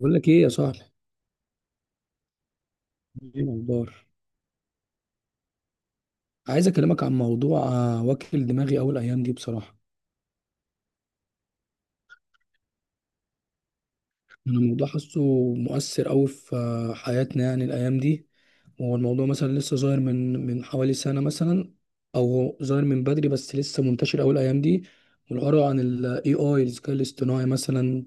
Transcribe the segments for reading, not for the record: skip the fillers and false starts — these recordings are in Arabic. بقول لك ايه يا صاحبي؟ ايه الاخبار؟ عايز اكلمك عن موضوع واكل دماغي اول ايام دي بصراحه. انا الموضوع حاسه مؤثر قوي في حياتنا يعني الايام دي. هو الموضوع مثلا لسه ظاهر من حوالي سنه مثلا، او ظاهر من بدري بس لسه منتشر اول ايام دي، والعبارة عن الاي اي الذكاء الاصطناعي مثلا.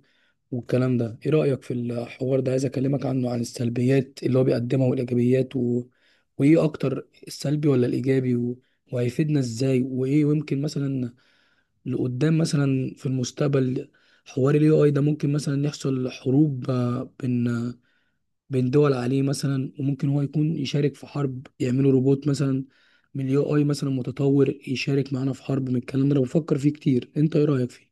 والكلام ده ايه رأيك في الحوار ده؟ عايز اكلمك عنه، عن السلبيات اللي هو بيقدمها والايجابيات وايه اكتر، السلبي ولا الايجابي، وهيفيدنا ازاي، وايه ويمكن مثلا لقدام مثلا في المستقبل حوار الاي اي ده ممكن مثلا يحصل حروب بين بين دول عليه مثلا. وممكن هو يكون يشارك في حرب، يعملوا روبوت مثلا من الاي اي مثلا متطور يشارك معانا في حرب. من الكلام ده أنا بفكر فيه كتير، انت ايه رأيك فيه؟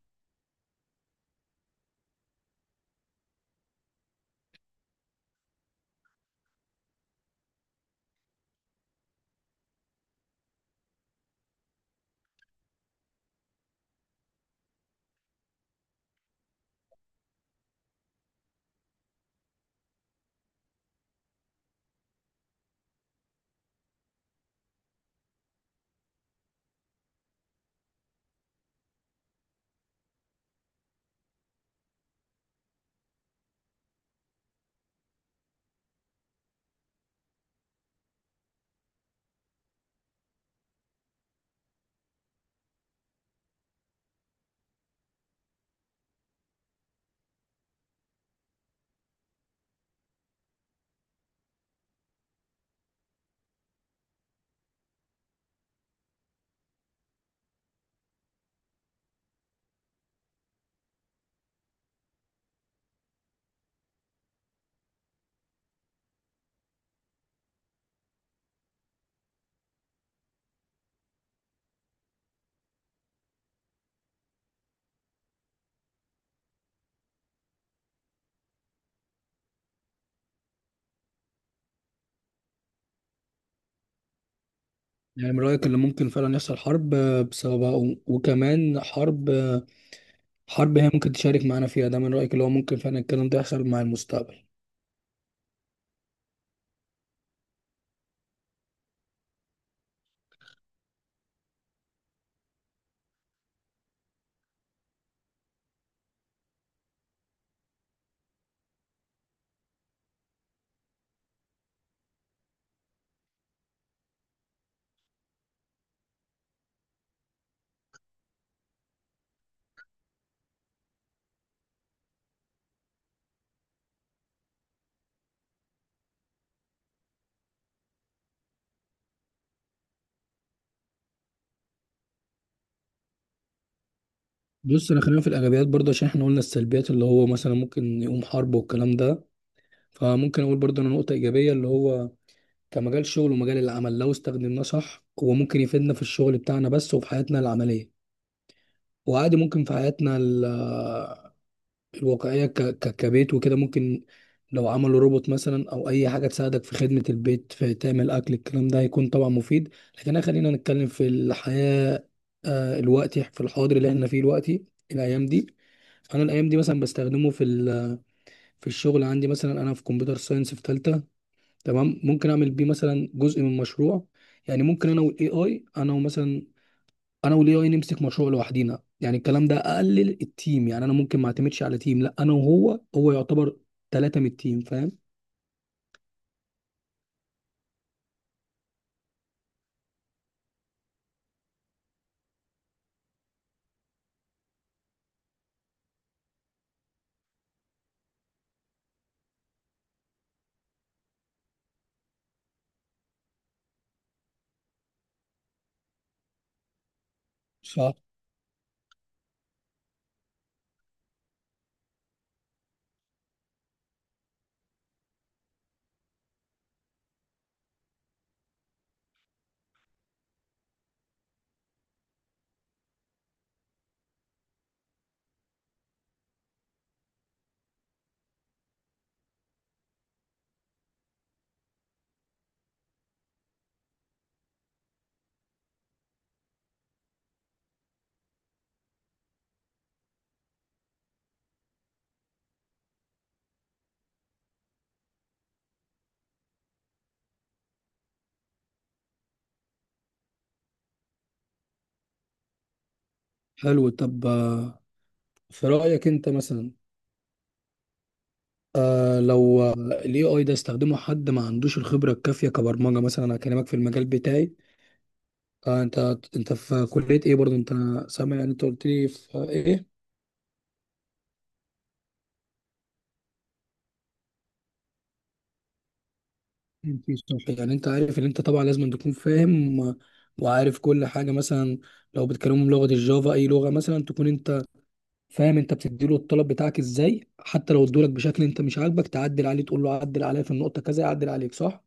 يعني من رأيك اللي ممكن فعلا يحصل حرب بسببها وكمان حرب، حرب هي ممكن تشارك معانا فيها، ده من رأيك اللي هو ممكن فعلا الكلام ده يحصل مع المستقبل؟ بص، انا خلينا في الايجابيات برضه، عشان احنا قلنا السلبيات اللي هو مثلا ممكن يقوم حرب والكلام ده. فممكن اقول برضه انا نقطة ايجابية اللي هو كمجال شغل ومجال العمل، لو استخدمناه صح هو ممكن يفيدنا في الشغل بتاعنا بس وفي حياتنا العملية. وعادي ممكن في حياتنا الواقعية كبيت وكده، ممكن لو عملوا روبوت مثلا أو أي حاجة تساعدك في خدمة البيت، في تعمل أكل، الكلام ده هيكون طبعا مفيد. لكن أنا خلينا نتكلم في الحياة الوقتي، في الحاضر اللي احنا فيه دلوقتي، الأيام دي. أنا الأيام دي مثلا بستخدمه في في الشغل عندي مثلا، أنا في كمبيوتر ساينس في تالتة. تمام. ممكن أعمل بيه مثلا جزء من مشروع. يعني ممكن أنا وال AI، أنا ومثلا انا والاي اي نمسك مشروع لوحدينا، يعني الكلام ده اقلل التيم، يعني انا ممكن ما اعتمدش على تيم، لا انا وهو، هو يعتبر ثلاثة من التيم، فاهم؟ صح. حلو. طب في رأيك انت مثلا، آه لو الاي اي ده استخدمه حد ما عندوش الخبرة الكافية كبرمجة مثلا، انا هكلمك في المجال بتاعي. آه انت، انت في كلية ايه برضه انت؟ سامع؟ يعني انت قلت لي في ايه؟ في الصح يعني انت عارف ان انت طبعا لازم أن تكون فاهم وعارف كل حاجة مثلا. لو بتكلمهم لغة الجافا، اي لغة مثلا، تكون انت فاهم، انت بتديله الطلب بتاعك ازاي، حتى لو ادولك بشكل انت مش عاجبك تعدل عليه، تقول له عدل عليا في النقطه كذا يعدل عليك، صح؟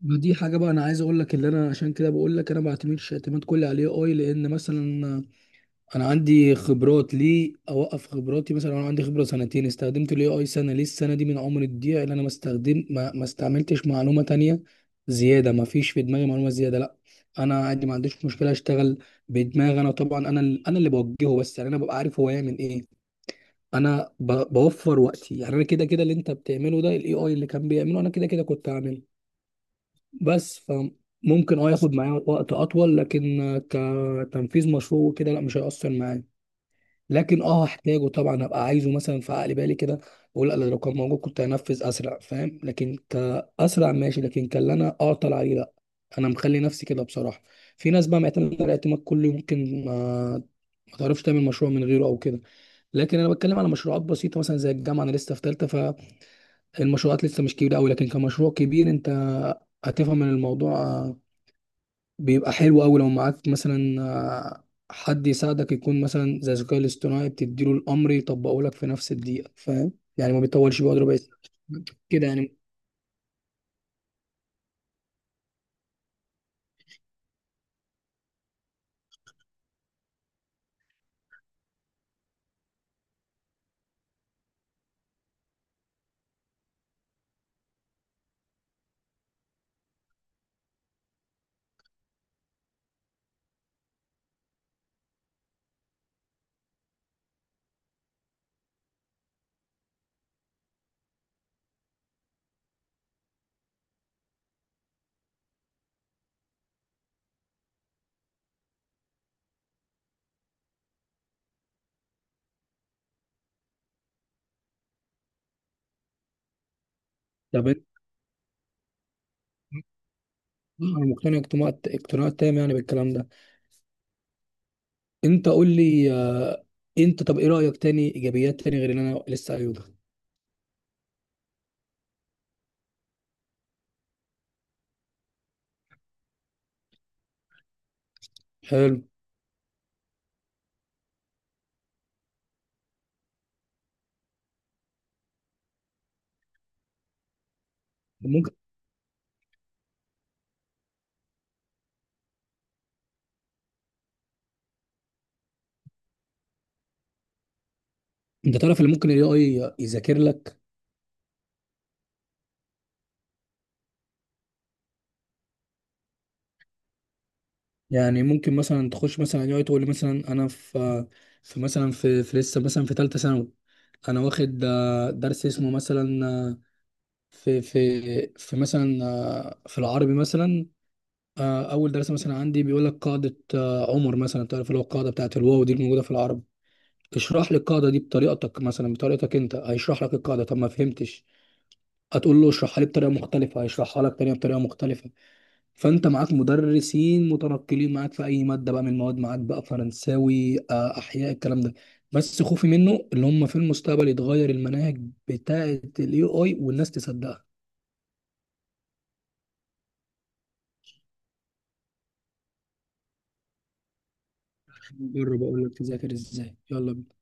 ما دي حاجه بقى انا عايز اقول لك. اللي انا عشان كده بقول لك انا ما بعتمدش اعتماد كلي عليه، اي لان مثلا انا عندي خبرات، ليه اوقف خبراتي؟ مثلا انا عندي خبره سنتين، استخدمت الاي اي سنه، ليه السنه دي من عمر الضيع؟ اللي انا ما استخدم، ما استعملتش معلومه تانية زياده، ما فيش في دماغي معلومه زياده، لا. انا عادي ما عنديش مشكله اشتغل بدماغي انا طبعا، انا انا اللي بوجهه بس، يعني انا ببقى عارف هو يعمل ايه. انا بوفر وقتي، يعني انا كده كده، اللي انت بتعمله ده الاي اي اللي كان بيعمله انا كده كده كنت هعمله. بس فممكن اه ياخد معايا وقت اطول، لكن كتنفيذ مشروع وكده لا، مش هيأثر معايا. لكن اه هحتاجه طبعا، هبقى عايزه مثلا في عقل بالي كده اقول لا لو كان موجود كنت هنفذ اسرع، فاهم؟ لكن كاسرع ماشي، لكن كان اللي انا اعطل عليه لا، انا مخلي نفسي كده بصراحه. في ناس بقى معتمده على الاعتماد كله، ممكن آه ما تعرفش تعمل مشروع من غيره او كده، لكن انا بتكلم على مشروعات بسيطه مثلا زي الجامعه، انا لسه في ثالثه، فالمشروعات لسه مش كبيره قوي. لكن كمشروع كبير انت هتفهم من الموضوع بيبقى حلو قوي لو معاك مثلا حد يساعدك، يكون مثلا زي الذكاء الاصطناعي، بتديله الامر يطبقه لك في نفس الدقيقه، فاهم؟ يعني ما بيطولش، بيقعد ربع ساعه كده يعني. طب انت، انا مقتنع اقتناع تام يعني بالكلام ده. انت قول لي انت طب ايه رايك، تاني ايجابيات تاني غير اللي انا لسه قايله ده؟ حلو. ممكن انت تعرف اللي ممكن الاي اي يذاكر لك؟ يعني ممكن مثلا تخش مثلا الاي اي تقول لي مثلا انا في، في لسه مثلا في ثالثه ثانوي، انا واخد درس اسمه مثلا في مثلا في العربي مثلا، اول درس مثلا عندي بيقول لك قاعده عمر مثلا، تعرف اللي هو القاعده بتاعت الواو دي الموجوده في العربي. اشرح لي القاعده دي بطريقتك، مثلا بطريقتك انت، هيشرح لك القاعده. طب ما فهمتش، هتقول له اشرحها لي بطريقه مختلفه، هيشرحها لك تانية بطريقه مختلفه. فانت معاك مدرسين متنقلين معاك في اي ماده بقى من المواد، معاك بقى فرنساوي احياء، الكلام ده. بس خوفي منه اللي هم في المستقبل يتغير المناهج بتاعه الاي اي والناس تصدقها. جرب اقول لك، تذاكر ازاي، يلا بينا.